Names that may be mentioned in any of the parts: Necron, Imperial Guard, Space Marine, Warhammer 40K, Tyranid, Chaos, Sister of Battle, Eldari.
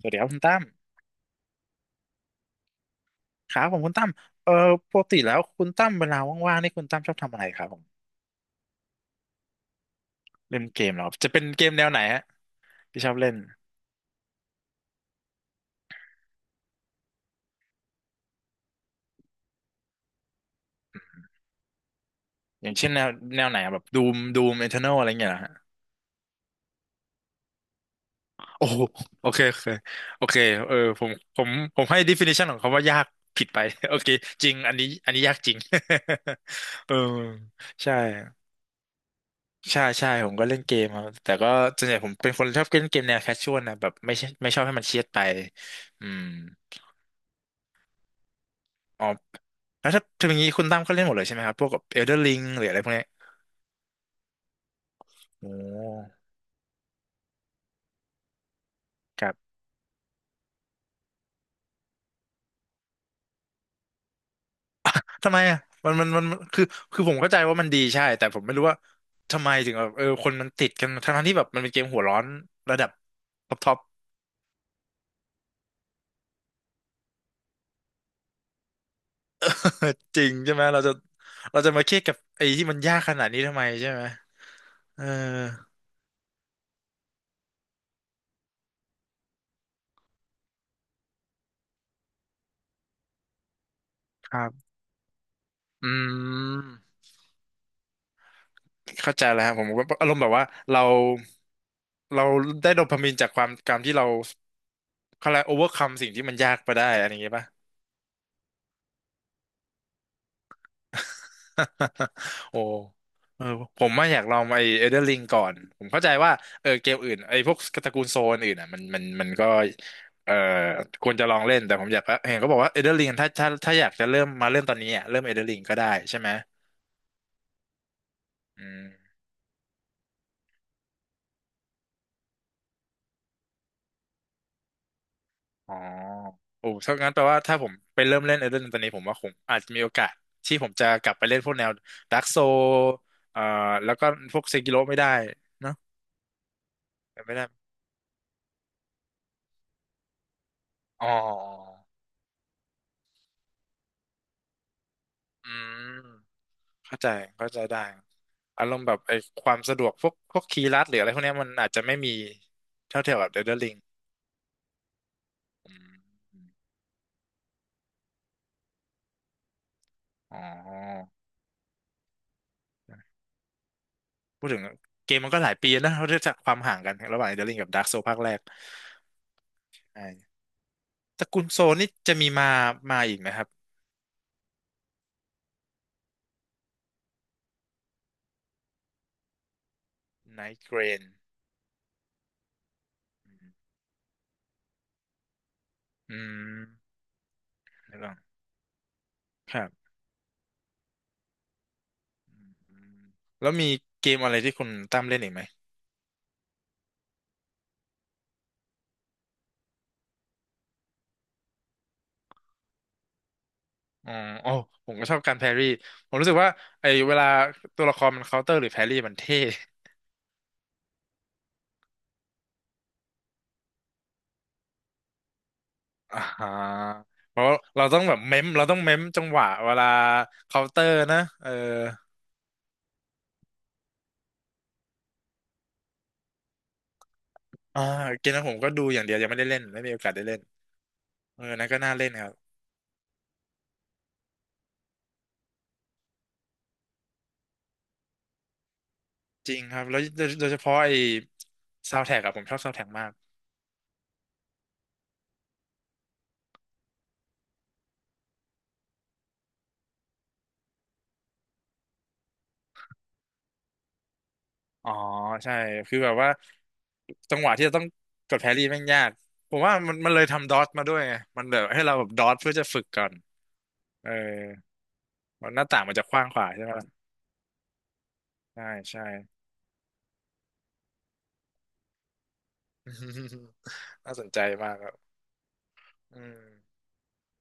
สวัสดีครับคุณตั้มครับผมคุณตั้มเอ่อปกติแล้วคุณตั้มเวลาว่างๆนี่คุณตั้มชอบทำอะไรครับผมเล่นเกมเหรอครับจะเป็นเกมแนวไหนฮะที่ชอบเล่นอย่างเช่นแนวแนวไหนอะแบบดูมดูมเอเทอร์นอลอะไรเงี้ยเหรอฮะโอ้โหโอเคโอเคโอเคเออผมผมให้ definition ของคำว่ายากผิดไป โอเคจริงอันนี้อันนี้ยากจริง เออใช่ใช่ใช่ผมก็เล่นเกมครับแต่ก็ส่วนใหญ่ผมเป็นคนชอบเล่นเกมแนวแคชชวลนะแบบไม่ใช่ไม่ชอบให้มันเครียดไปอืม อ๋อแล้วถ้าอย่างนี้คุณตั้มก็เล่นหมดเลยใช่ไหมครับพวกกับเอลเดอร์ลิงหรืออะไรพวกเนี้ยโอ้ครับทำไมอ่ะมันคือ คือผมเข้าใจว่ามันดีใช่ แต่ผมไม่รู้ว่าทำไมถึงแบบเออคนมันติดกันทั้งๆที่แบบมันเป็นเกมหัวร้อนระดับท็อปท็อป จริงใช่ไหมเราจะเราจะมาเครียดกับไอ้ที่มันยากขนาดนี้ทำไมใช่ไหมเออครับอืมเข้าใจแล้วครับผมก็อารมณ์แบบว่าเราเราได้โดพามีนจากความการที่เรา เขาเลยกโอเวอร์คัมสิ่งที่มันยากไปได้อะไรอย่างเงี้ยป่ะ โอ้เออผมว่าอยากลองไอเอเดอร์ลิงก่อน ผมเข้าใจว่าเออเกมอื่นไอพวกตระกูลโซนอื่นอ่ะมันก็เออควรจะลองเล่นแต่ผมอยากเห็นเขาบอกว่าเอเดอร์ลิงถ้าอยากจะเริ่มมาเริ่มตอนนี้อ่ะเริ่มเอเดอร์ลิงก็ได้ใช่ไหมอืมอ๋อโอ้ถ้างั้นแปลว่าถ้าผมไปเริ่มเล่นเอเดอร์ลิงตอนนี้ผมว่าผมอาจจะมีโอกาสที่ผมจะกลับไปเล่นพวกแนวดาร์กโซเอ่อแล้วก็พวกเซกิโลไม่ได้เนอะแต่ไม่ได้ อ๋ออืมเข้าใจ เข้าใจได้อารมณ์แบบไอ้ความสะดวกพวกพวกคีย์ลัดหรืออะไรพวกเนี้ยมันอาจจะไม่มีเท่าเทียมกับเดลเดอร์ลิงอืมอมอ๋อ พูดถึงเกมมันก็หลายปีแล้วนะเราเรียกจากความห่างกันระหว่างเดลลิงกับดาร์กโซภาคแรกใช่ตระกูลโซนี่จะมีมามาอีกไหมครับไนท์เกรนอืมไม่ต้องครับอืมแล้วมีเกมอะไรที่คุณตั้มเล่นอีกไหม อ๋อ อ๋อผมก็ชอบการแพรี่ ผมรู้สึกว่าไอ้เวลาตัวละครมันเคาน์เตอร์หรือแพรี่มันเท่ อ่าฮะเพราะเราต้องแบบเม้มเราต้องเม้มจังหวะเวลาเคาน์เตอร์นะ เอออ่าเกมนั้นผมก็ดูอย่างเดียวยังไม่ได้เล่น ไม่มีโอกาสได้เล่นเออนั่นก็น่าเล่นครับจริงครับแล้วโดยเฉพาะไอ้ซาวแท็กอะผมชอบซาวแท็กมากอ๋อใช่ คือแบบว่าจังหวะที่จะต้องกดแพรี่แม่งยากผมว่ามันมันเลยทำดอทมาด้วยไงมันแบบให้เราแบบดอทเพื่อจะฝึกก่อนเออ มันหน้าต่างมันจะกว้างขว่าใช่ไหมล่ะใช่ใช่ น่าสนใจมากครับอืม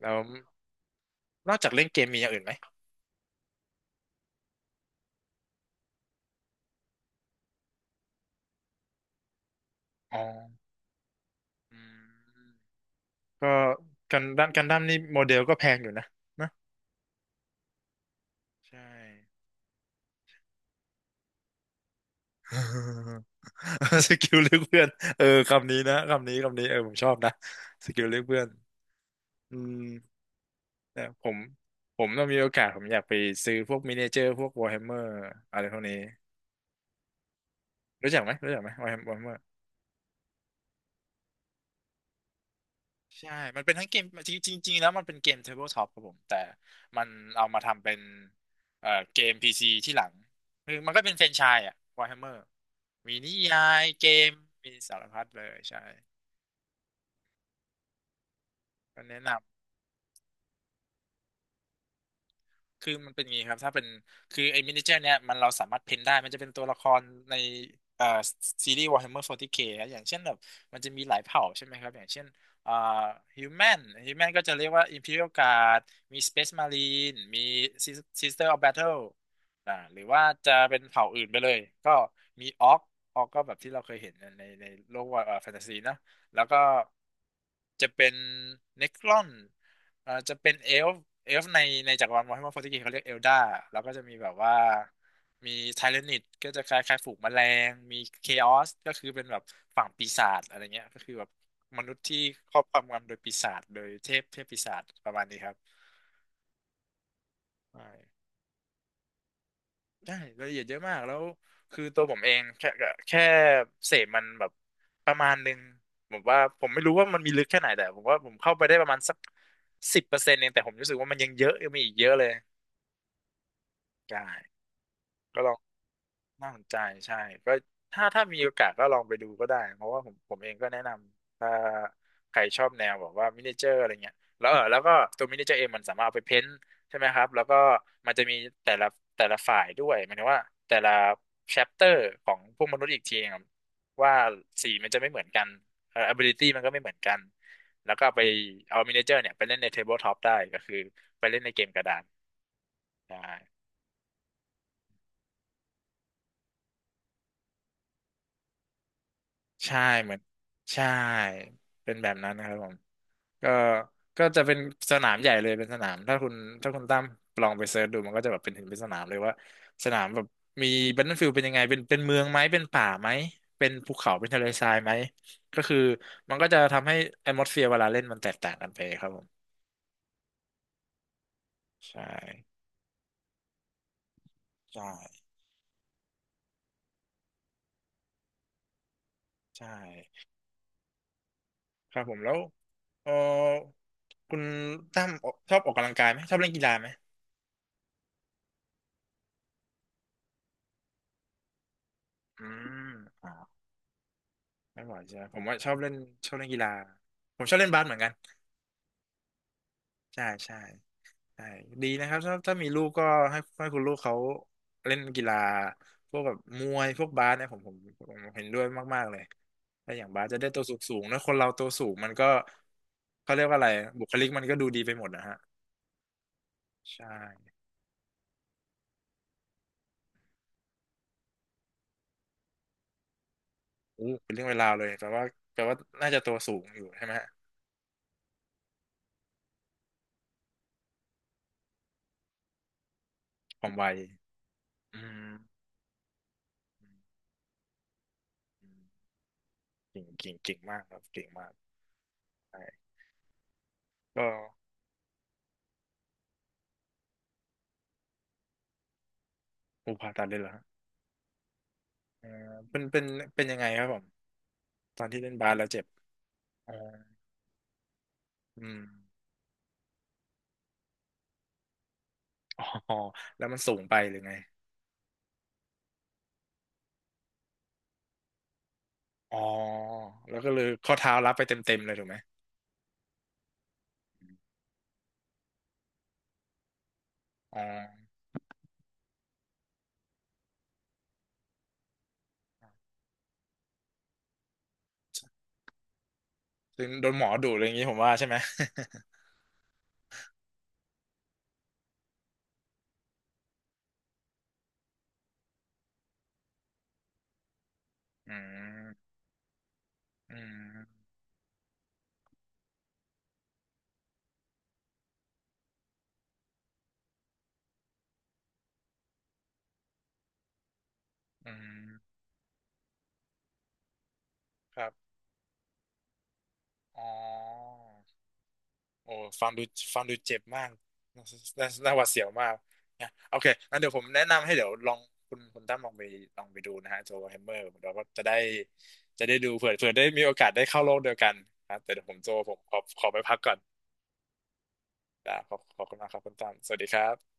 แล้วนอกจากเล่นเกมมีอย่างอื่นไหมอ๋ออืมก็กันด้มกันด้มนี่โมเดลก็แพงอยู่นะนะใช่ สกิลเลือกเพื่อนเออคำนี้นะคำนี้คำนี้เออผมชอบนะสกิลเลือกเพื่อนอืมแต่ผมต้องมีโอกาสผมอยากไปซื้อพวกมินิเจอร์พวกวอ r h แฮมเมอร์อะไรพวกนี้รู้จักไหมรู้จักไหมวอ r h แฮมเมอร์ ใช่ มันเป็นทั้งเกมจริงจริงๆแล้วมันเป็นเกมเทเบิลทอปครับผมแต่มันเอามาทำเป็นเกมพีซีที่หลังคือมันก็เป็นแฟรนไชส์อะวอร์แมเมอร์มีนิยายเกมมีสารพัดเลยใช่ก็แนะนำ คือมันเป็นอย่างนี้ครับถ้าเป็นคือไอ้มินิเจอร์เนี่ยมันเราสามารถเพ้นได้มันจะเป็นตัวละครในเอ่อซีรีส์ Warhammer 40K นะอย่างเช่นแบบมันจะมีหลายเผ่าใช่ไหมครับอย่างเช่นเอ่อ Human Human ก็จะเรียกว่า Imperial Guard มี Space Marine มี Sister of Battle อ่าหรือว่าจะเป็นเผ่าอื่นไปเลยก็มี Orc Orc ก็แบบที่เราเคยเห็นในโลกว่าแฟนตาซีนะแล้วก็จะเป็น Necron จะเป็นเอลฟ์ในจักรวาลวอร์แฮมเมอร์โฟร์ีเคเขาเรียกเอลดาแล้วก็จะมีแบบว่ามีไทเรนิดก็จะคล้ายๆฝูงแมลงมีเคออสก็คือเป็นแบบฝั่งปีศาจอะไรเงี้ยก็คือแบบมนุษย์ที่ครอบความงำโดยปีศาจโดยเทพปีศาจประมาณนี้ครับใช่ใช่รายละเอียดเยอะมากแล้วคือตัวผมเองแค่เสพมันแบบประมาณหนึงผมว่าผมไม่รู้ว่ามันมีลึกแค่ไหนแต่ผมว่าผมเข้าไปได้ประมาณสัก10%เองแต่ผมรู้สึกว่ามันยังเยอะยังมีอีกเยอะเลยใช่ ก็ลองน่าสนใจใช่ก็ถ้ามีโอกาสก็ลองไปดูก็ได้เพราะว่าผมเองก็แนะนำถ้าใครชอบแนวแบบว่ามินิเจอร์อะไรเงี้ยแล้วแล้วก็ตัวมินิเจอร์เองมันสามารถเอาไปเพ้นท์ใช่ไหมครับแล้วก็มันจะมีแต่ละแต่ละฝ่ายด้วยหมายถึงว่าแต่ละแชปเตอร์ของพวกมนุษย์อีกทีครับว่าสีมันจะไม่เหมือนกันability มันก็ไม่เหมือนกันแล้วก็เอาไปเอามินิเจอร์เนี่ยไปเล่นในเทเบิลท็อปได้ก็คือไปเล่นในเกมกระดานได้ ใช่เหมือนใช่เป็นแบบนั้นนะครับผมก็ก็จะเป็นสนามใหญ่เลยเป็นสนามถ้าคุณตั้มลองไปเซิร์ชดูมันก็จะแบบเป็นถึงเป็นสนามเลยว่าสนามแบบมี Battlefield เป็นยังไงเป็นเมืองไหมเป็นป่าไหมเป็นภูเขาเป็นทะเลทรายไหมก็คือมันก็จะทำให้ atmosphere เวลาเล่นมันแตกต่างกันไปครับผมใช่ใช่ใช่ครับผมแล้วเออคุณตั้มออกชอบออกกำลังกายไหมชอบเล่นกีฬาไหมอืม ไม่บ่อยใช่ไหมผมว่าชอบเล่นกีฬาผมชอบเล่นบาสเหมือนกันใช่ใช่ใช่ดีนะครับถ้ามีลูกก็ให้คุณลูกเขาเล่นกีฬาพวกแบบมวยพวกบาสเนี่ยผมเห็นด้วยมากๆเลยถ้าอย่างบาสจะได้ตัวสูงสูงนะคนเราตัวสูงมันก็เขาเรียกว่าอะไรบุคลิกมันก็ดูดีไปหมดนะฮะใช่อู้เป็นเรื่องเวลาวเลยแปลว่าน่าจะตัวสูงอยู่ใช่ไหมฮะความไวอืมอืมอืมเก่งเก่งเก่งมากครับเก่งมากใช่ก็อูผ่าตัดเลยเหรอ เออเป็นเป็นยังไงครับผมตอนที่เล่นบาสแล้วเจ็บอ๋ออืมอ๋อแล้วมันสูงไปหรือไงอ๋อแล้วก็เลยข้อเท้ารับไปเต็มเต็มเลยถูกไหมอ๋อซึ่งโดนหมอดูอะไรอย่างนี้ผมว่าใช่ไหม อืมอืมอืมครับอ๋อ โอ้ฟังดูฟังดูเจ็บมากน่าน่าหวาดเสียวมากนะโอเคงั้นเดี๋ยวผมแนะนำให้เดี๋ยวลองคุณตั้มลองไปดูนะฮะโจแฮมเมอร์เดี๋ยวก็จะได้ดูเผื่อได้มีโอกาสได้เข้าโลกเดียวกันครับแต่เดี๋ยวผมโจผมขอไปพักก่อนนะขอบคุณมากครับคุณตั้มสวัสดีครับ